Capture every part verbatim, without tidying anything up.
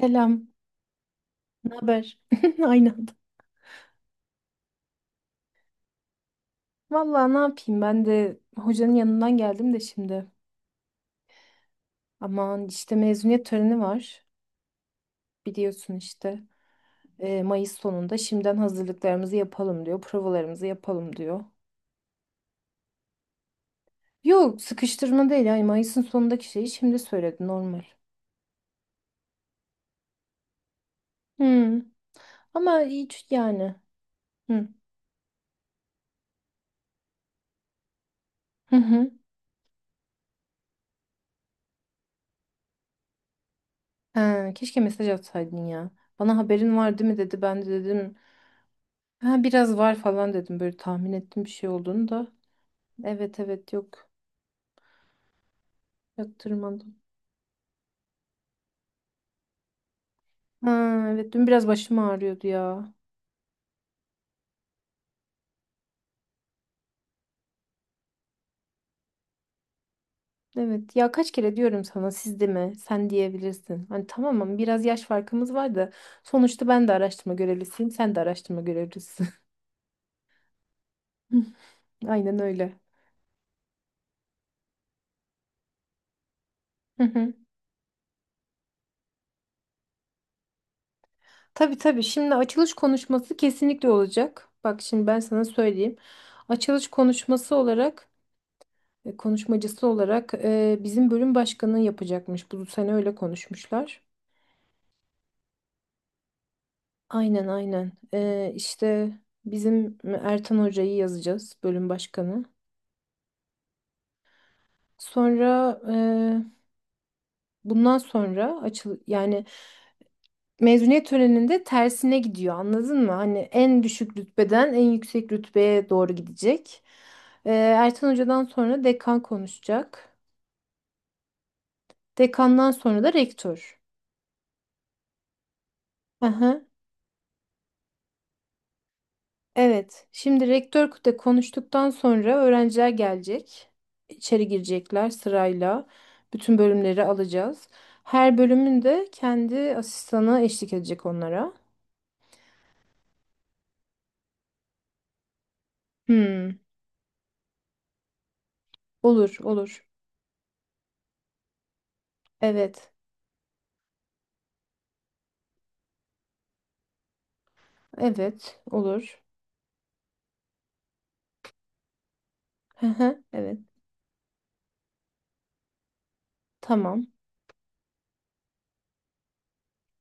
Selam, ne haber? Aynı anda. Vallahi ne yapayım ben de hocanın yanından geldim de şimdi. Aman işte mezuniyet töreni var. Biliyorsun işte. Ee, Mayıs sonunda şimdiden hazırlıklarımızı yapalım diyor. Provalarımızı yapalım diyor. Yok sıkıştırma değil. Yani Mayıs'ın sonundaki şeyi şimdi söyledi normal. Hmm. Ama hiç yani. Hı. Hı hı. Ha, keşke mesaj atsaydın ya. Bana haberin var değil mi dedi. Ben de dedim. Ha, biraz var falan dedim. Böyle tahmin ettim bir şey olduğunu da. Evet evet yok. Yaktırmadım. Ha, evet dün biraz başım ağrıyordu ya. Evet ya kaç kere diyorum sana siz de mi? Sen diyebilirsin. Hani tamam ama biraz yaş farkımız var da sonuçta ben de araştırma görevlisiyim. Sen de araştırma görevlisisin. Aynen öyle. Hı hı. Tabii tabii. Şimdi açılış konuşması kesinlikle olacak. Bak şimdi ben sana söyleyeyim. Açılış konuşması olarak, e, konuşmacısı olarak e, bizim bölüm başkanı yapacakmış. Bu sene öyle konuşmuşlar. Aynen aynen. Ee, işte bizim Ertan Hoca'yı yazacağız bölüm başkanı. Sonra e, bundan sonra açıl yani mezuniyet töreninde tersine gidiyor anladın mı? Hani en düşük rütbeden en yüksek rütbeye doğru gidecek. Ee, Ertan Hoca'dan sonra dekan konuşacak. Dekandan sonra da rektör. Aha. Evet. Şimdi rektör de konuştuktan sonra öğrenciler gelecek. İçeri girecekler sırayla. Bütün bölümleri alacağız. Her bölümün de kendi asistanı eşlik edecek onlara. Hmm, olur, olur. Evet. Evet, olur. Hı hı, evet. Tamam.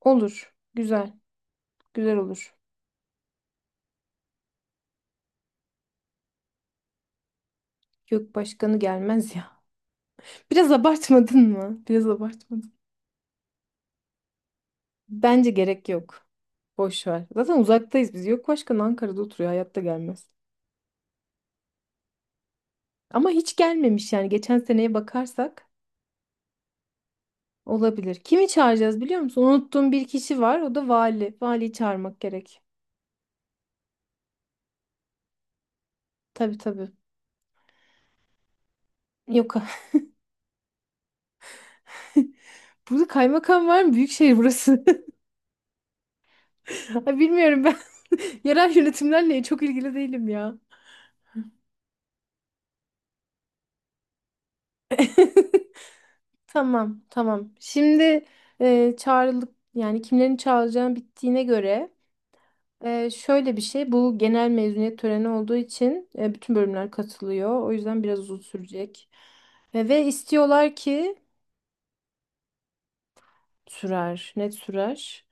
Olur. Güzel. Güzel olur. Yok başkanı gelmez ya. Biraz abartmadın mı? Biraz abartmadın. Bence gerek yok. Boş ver. Zaten uzaktayız biz. Yok başkan Ankara'da oturuyor. Hayatta gelmez. Ama hiç gelmemiş yani geçen seneye bakarsak olabilir. Kimi çağıracağız biliyor musun? Unuttuğum bir kişi var, o da vali. Valiyi çağırmak gerek. Tabii tabii. Yok, burada kaymakam var mı? Büyükşehir burası. Ay, bilmiyorum ben, yerel yönetimlerle çok ilgili değilim ya. Tamam tamam. Şimdi e, çağrılık yani kimlerin çağıracağım bittiğine göre Ee, şöyle bir şey, bu genel mezuniyet töreni olduğu için e, bütün bölümler katılıyor. O yüzden biraz uzun sürecek. E, ve istiyorlar ki sürer, net sürer.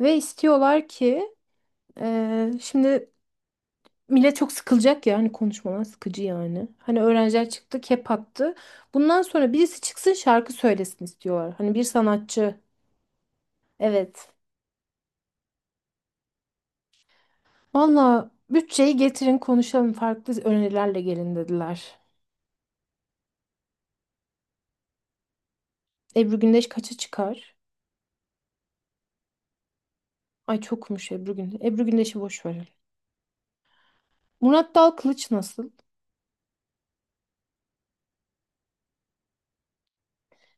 Ve istiyorlar ki e, şimdi millet çok sıkılacak ya, hani konuşmalar sıkıcı yani. Hani öğrenciler çıktı, kep attı. Bundan sonra birisi çıksın şarkı söylesin istiyorlar. Hani bir sanatçı. Evet. Valla bütçeyi getirin konuşalım, farklı önerilerle gelin dediler. Ebru Gündeş kaça çıkar? Ay çokmuş Ebru Gündeş. Ebru Gündeş'i boş verelim. Murat Dal Kılıç nasıl?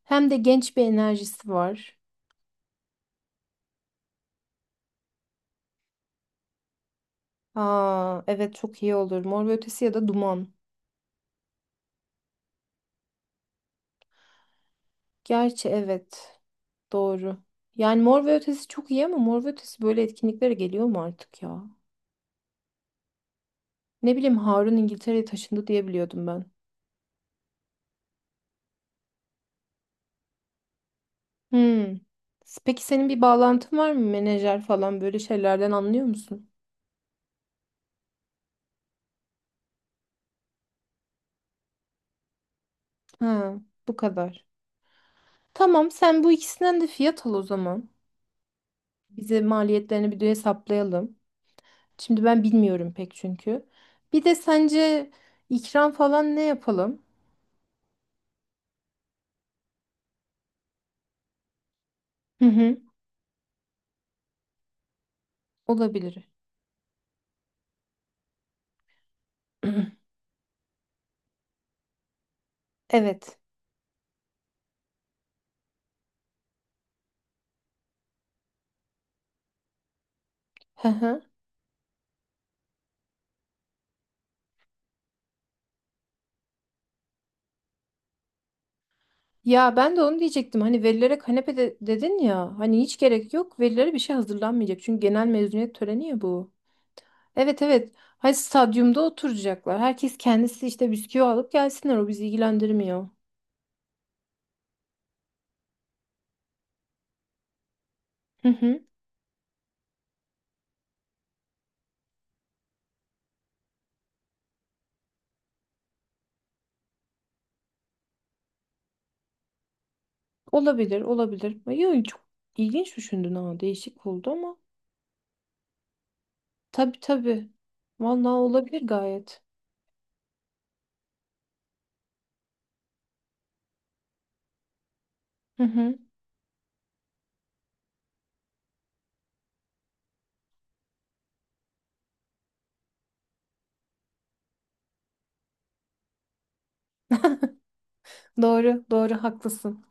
Hem de genç bir enerjisi var. Aa evet, çok iyi olur. Mor ve Ötesi ya da Duman. Gerçi evet. Doğru. Yani Mor ve Ötesi çok iyi ama Mor ve Ötesi böyle etkinliklere geliyor mu artık ya? Ne bileyim, Harun İngiltere'ye taşındı diye biliyordum ben. Hmm. Peki senin bir bağlantın var mı? Menajer falan, böyle şeylerden anlıyor musun? Ha, bu kadar. Tamam sen bu ikisinden de fiyat al o zaman. Bize maliyetlerini bir de hesaplayalım. Şimdi ben bilmiyorum pek çünkü. Bir de sence ikram falan ne yapalım? Hı hı. Olabilir. Evet. Hı hı. Ya ben de onu diyecektim. Hani velilere kanepe de- dedin ya. Hani hiç gerek yok. Velilere bir şey hazırlanmayacak. Çünkü genel mezuniyet töreni ya bu. Evet evet. Hani stadyumda oturacaklar. Herkes kendisi işte bisküvi alıp gelsinler. O bizi ilgilendirmiyor. Hı hı. Olabilir, olabilir. Yo, çok ilginç düşündün ha. Değişik oldu ama. Tabii tabii. Vallahi olabilir gayet. Hı hı. Doğru, doğru haklısın.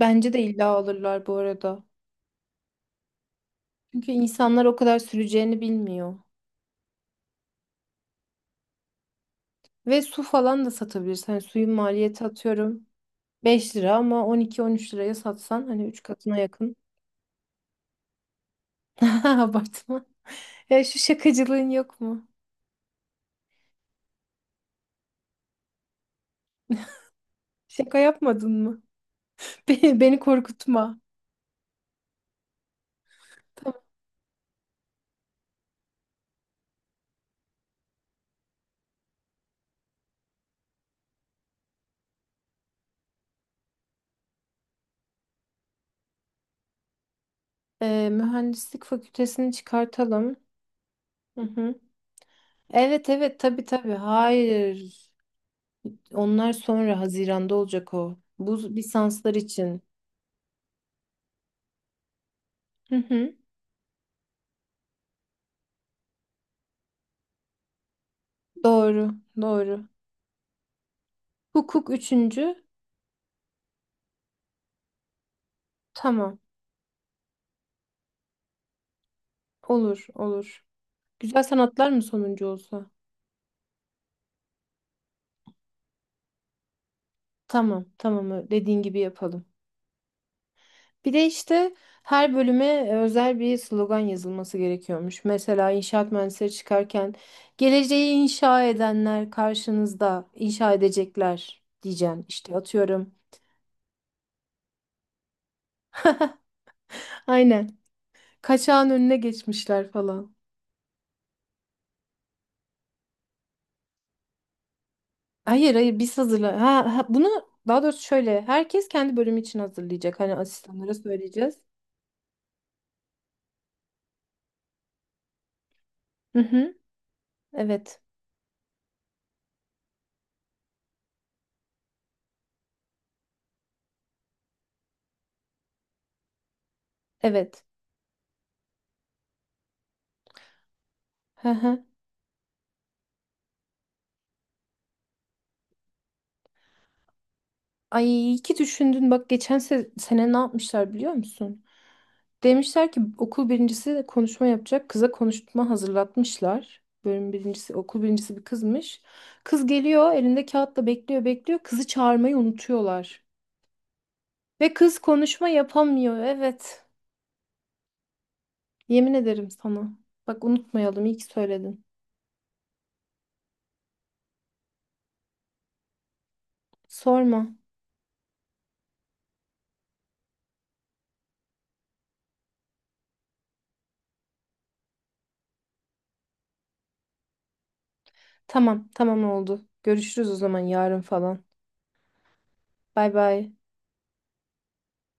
Bence de illa alırlar bu arada. Çünkü insanlar o kadar süreceğini bilmiyor. Ve su falan da satabilirsin. Hani suyun maliyeti atıyorum beş lira, ama on iki on üç liraya satsan hani üç katına yakın. Abartma. Ya şu şakacılığın yok mu? Şaka yapmadın mı? Beni, beni korkutma. Tamam. Ee, mühendislik fakültesini çıkartalım. Hı hı. Evet evet tabii tabii. Hayır. Onlar sonra Haziran'da olacak o. Bu lisanslar için. Hı hı. Doğru, doğru. Hukuk üçüncü. Tamam. Olur, olur. Güzel sanatlar mı sonuncu olsa? Tamam, tamam. Dediğin gibi yapalım. Bir de işte her bölüme e, özel bir slogan yazılması gerekiyormuş. Mesela inşaat mühendisleri çıkarken geleceği inşa edenler karşınızda inşa edecekler diyeceksin. İşte atıyorum. Aynen. Kaçağın önüne geçmişler falan. Hayır hayır biz hazırla. Ha, ha, bunu daha doğrusu şöyle, herkes kendi bölümü için hazırlayacak. Hani asistanlara söyleyeceğiz. Hı hı. Evet. Evet. Hı hı. Ay iyi ki düşündün. Bak geçen se- sene ne yapmışlar biliyor musun? Demişler ki okul birincisi konuşma yapacak. Kıza konuşma hazırlatmışlar. Bölüm birincisi, okul birincisi bir kızmış. Kız geliyor, elinde kağıtla bekliyor, bekliyor. Kızı çağırmayı unutuyorlar. Ve kız konuşma yapamıyor. Evet. Yemin ederim sana. Bak unutmayalım. İyi ki söyledin. Sorma. Tamam, tamam oldu. Görüşürüz o zaman yarın falan. Bay bay.